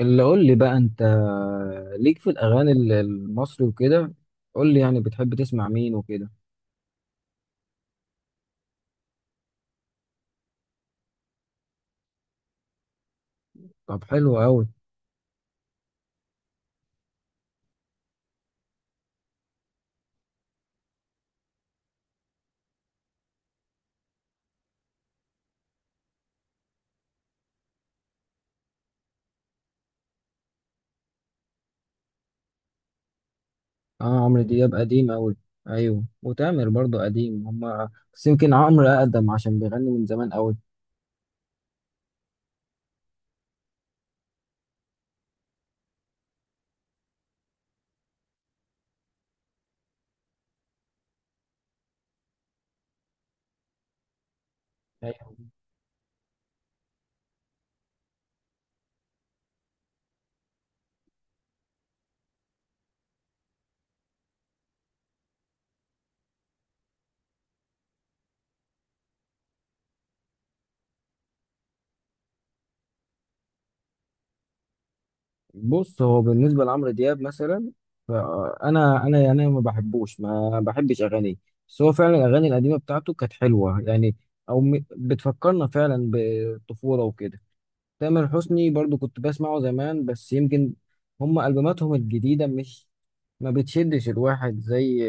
اللي قول لي بقى انت، ليك في الاغاني المصري وكده. قول لي يعني بتحب تسمع مين وكده. طب حلو قوي. اه، عمرو دياب قديم قوي. ايوه، وتامر برضو قديم، هما بس يمكن عمرو اقدم عشان بيغني من زمان قوي. ايوه. بص، هو بالنسبه لعمرو دياب مثلا، فانا يعني ما بحبش اغانيه، بس هو فعلا الاغاني القديمه بتاعته كانت حلوه يعني، او بتفكرنا فعلا بالطفوله وكده. تامر حسني برضو كنت بسمعه زمان، بس يمكن هم ألبوماتهم الجديدة مش ما بتشدش الواحد زي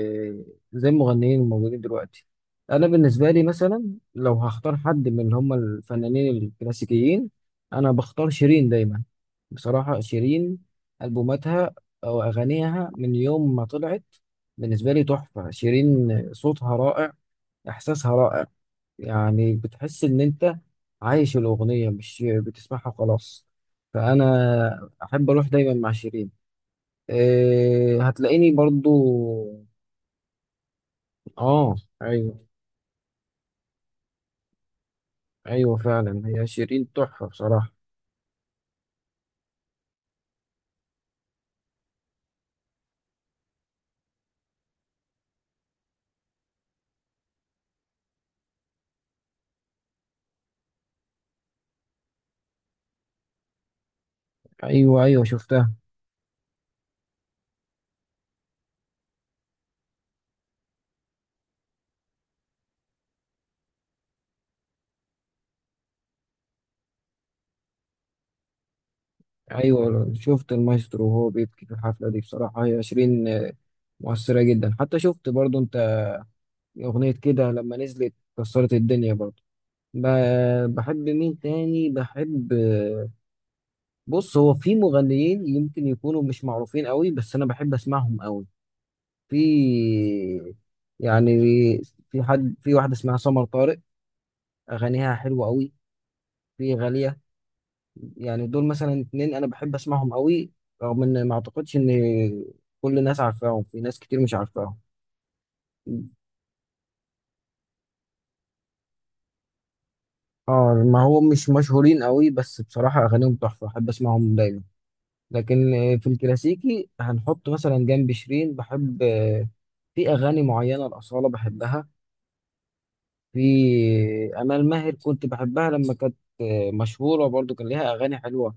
المغنيين الموجودين دلوقتي. أنا بالنسبة لي مثلا، لو هختار حد من اللي هم الفنانين الكلاسيكيين، أنا بختار شيرين دايما. بصراحة شيرين، ألبوماتها أو أغانيها من يوم ما طلعت بالنسبة لي تحفة. شيرين صوتها رائع، إحساسها رائع، يعني بتحس ان انت عايش الاغنيه، مش بتسمعها وخلاص. فانا احب اروح دايما مع شيرين. إيه، هتلاقيني برضو. اه. ايوه. ايوه فعلا، هي شيرين تحفه بصراحه. ايوه، ايوه شفتها. ايوه شفت المايسترو وهو بيبكي في الحفله دي، بصراحه هي شيرين آه، مؤثره جدا. حتى شفت برضو انت اغنيه كده، لما نزلت كسرت الدنيا برضو. بحب مين تاني؟ بحب، بص، هو في مغنيين يمكن يكونوا مش معروفين قوي بس انا بحب اسمعهم قوي. في، يعني، في حد، في واحده اسمها سمر طارق، اغانيها حلوه قوي. في غاليه. يعني دول مثلا اتنين انا بحب اسمعهم قوي، رغم ان ما اعتقدش ان كل الناس عارفاهم، في ناس كتير مش عارفاهم. اه، ما هو مش مشهورين قوي، بس بصراحه اغانيهم تحفه، احب اسمعهم دايما. لكن آه، في الكلاسيكي هنحط مثلا جنب شيرين بحب آه، في اغاني معينه الاصاله بحبها. في امال ماهر كنت بحبها لما كانت مشهوره، برضو كان ليها اغاني حلوه،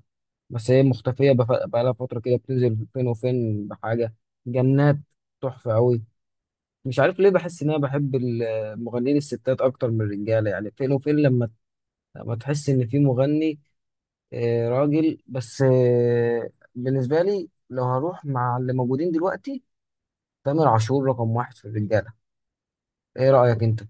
بس هي مختفيه. بقالها فتره كده بتنزل فين وفين بحاجه. جنات تحفه قوي. مش عارف ليه بحس ان انا بحب المغنيين الستات اكتر من الرجاله، يعني فين وفين لما تحس ان في مغني آه، راجل. بس آه، بالنسبه لي لو هروح مع اللي موجودين دلوقتي، تامر عاشور رقم واحد في الرجاله. ايه رايك انت؟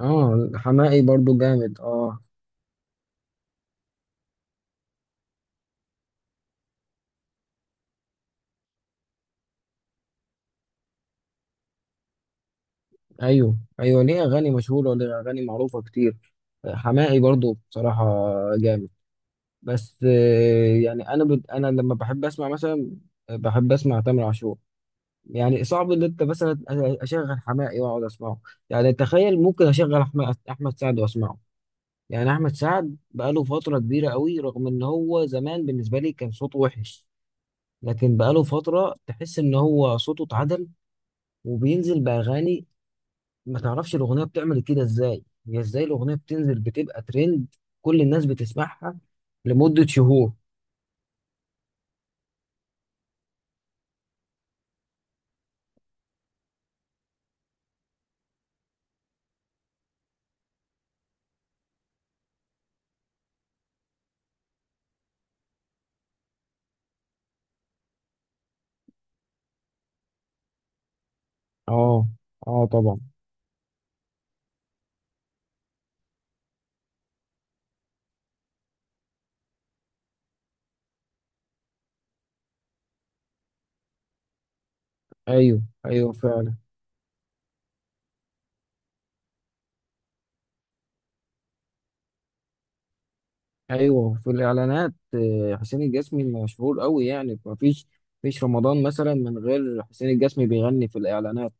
اه حماقي برضو جامد، اه. ايوه، ايوه ليه اغاني مشهوره، وليه اغاني معروفه كتير. حماقي برضو بصراحه جامد. بس آه، يعني انا انا لما بحب اسمع مثلا، بحب اسمع تامر عاشور. يعني صعب ان انت مثلا اشغل حماقي واقعد اسمعه. يعني تخيل، ممكن اشغل احمد سعد واسمعه. يعني احمد سعد بقاله فتره كبيره قوي، رغم ان هو زمان بالنسبه لي كان صوته وحش، لكن بقاله فتره تحس ان هو صوته اتعدل وبينزل باغاني ما تعرفش الأغنية بتعمل كده إزاي. هي إزاي الأغنية بتنزل بتبقى ترند كل الناس بتسمعها لمدة شهور. اه. اه طبعا. ايوه، ايوه فعلا. ايوه، في الاعلانات آه، حسين الجسمي مشهور قوي، يعني ما فيش فيش رمضان مثلا من غير حسين الجسمي بيغني في الاعلانات.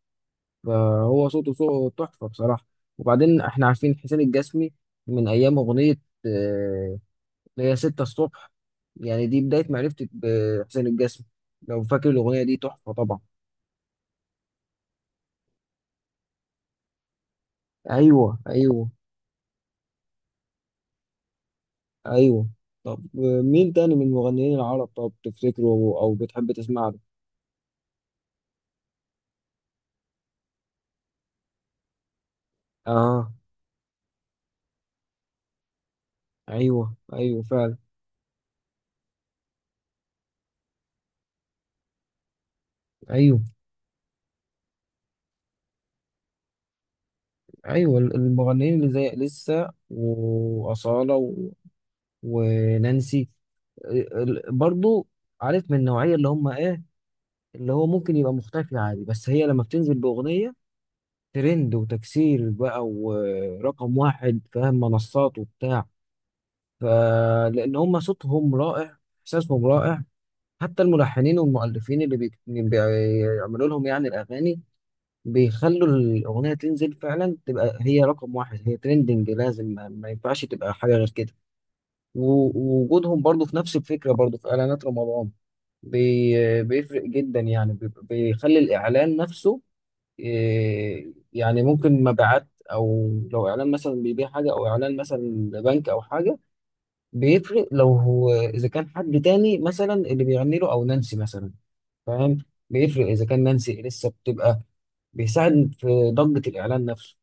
فهو صوته صوته تحفه بصراحه. وبعدين احنا عارفين حسين الجسمي من ايام اغنيه آه، اللي هي ستة الصبح. يعني دي بداية معرفتي بحسين الجسمي. لو فاكر الأغنية دي تحفة طبعا. أيوه، أيوه. أيوه. طب مين تاني من المغنيين العرب، طب تفتكره أو أو بتحب تسمع له؟ آه. أيوه، أيوه فعلا. أيوه، أيوه المغنيين اللي زي لسه وأصالة و... ونانسي، برضو، عارف من النوعية اللي هم إيه، اللي هو ممكن يبقى مختفي عادي بس هي لما بتنزل بأغنية ترند وتكسير بقى ورقم واحد، فاهم، منصات وبتاع. فلأن هم صوتهم رائع إحساسهم رائع، حتى الملحنين والمؤلفين اللي بيعملوا لهم يعني الأغاني بيخلوا الأغنية تنزل فعلا تبقى هي رقم واحد، هي ترندنج، لازم ما ينفعش تبقى حاجة غير كده. ووجودهم برضو في نفس الفكرة برضو في إعلانات رمضان بيفرق جدا، يعني بيخلي الإعلان نفسه إيه، يعني ممكن مبيعات. او لو اعلان مثلا بيبيع حاجه او اعلان مثلا لبنك او حاجه، بيفرق لو هو اذا كان حد تاني مثلا اللي بيغني له او نانسي مثلا، فاهم، بيفرق اذا كان نانسي لسه بتبقى بيساعد في ضجه الاعلان نفسه.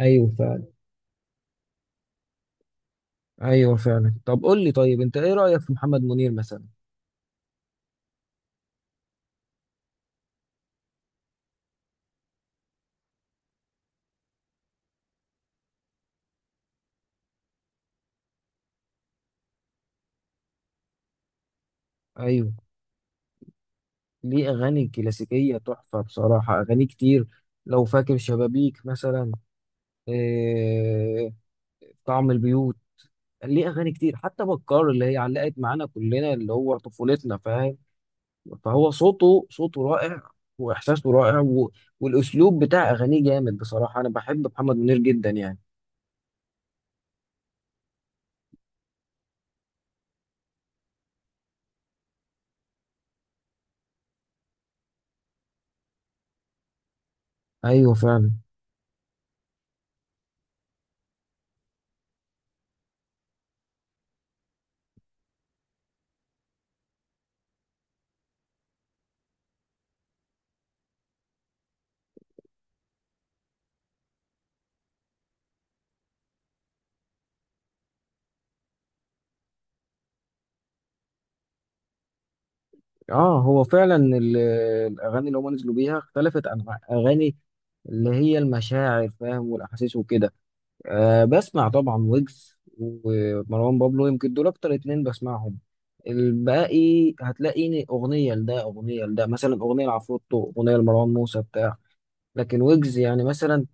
ايوه فعلا. ايوه فعلا. طب قول لي، طيب انت ايه رايك في محمد منير مثلا؟ ايوه ليه اغاني كلاسيكيه تحفه بصراحه، اغاني كتير. لو فاكر شبابيك مثلا، إيه، طعم البيوت. ليه اغاني كتير، حتى بكار اللي هي علقت معانا كلنا اللي هو طفولتنا، فاهم. فهو صوته صوته رائع واحساسه رائع و... والاسلوب بتاع اغانيه جامد بصراحه، انا بحب محمد منير جدا يعني. ايوه فعلا. اه هو فعلا الاغاني اللي هم نزلوا بيها اختلفت عن اغاني اللي هي المشاعر، فاهم، والاحاسيس وكده. أه بسمع طبعا ويجز ومروان بابلو، يمكن دول اكتر اتنين بسمعهم. الباقي هتلاقيني اغنيه لده، اغنيه لده مثلا، اغنيه لعفروتو، اغنيه لمروان موسى بتاع. لكن ويجز يعني مثلا،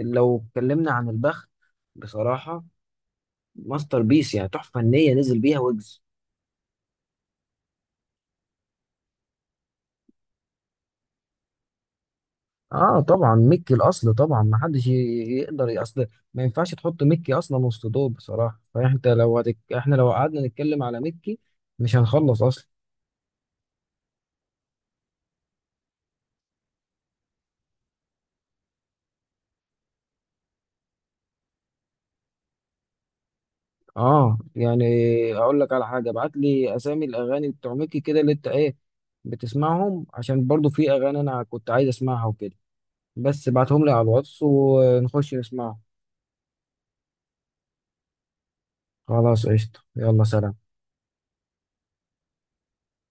لو اتكلمنا عن البخت، بصراحه ماستر بيس، يعني تحفه فنيه نزل بيها ويجز. اه طبعا، ميكي الاصل طبعا، ما حدش يقدر اصل ما ينفعش تحط ميكي اصلا وسط دول بصراحه، فانت لو احنا لو قعدنا نتكلم على ميكي مش هنخلص اصلا. اه يعني، اقول لك على حاجه، ابعت لي اسامي الاغاني بتوع ميكي كده اللي انت ايه بتسمعهم، عشان برضو في اغاني انا كنت عايز اسمعها وكده. بس ابعتهم لي على الواتس ونخش نسمعهم. خلاص قشطه، يلا سلام.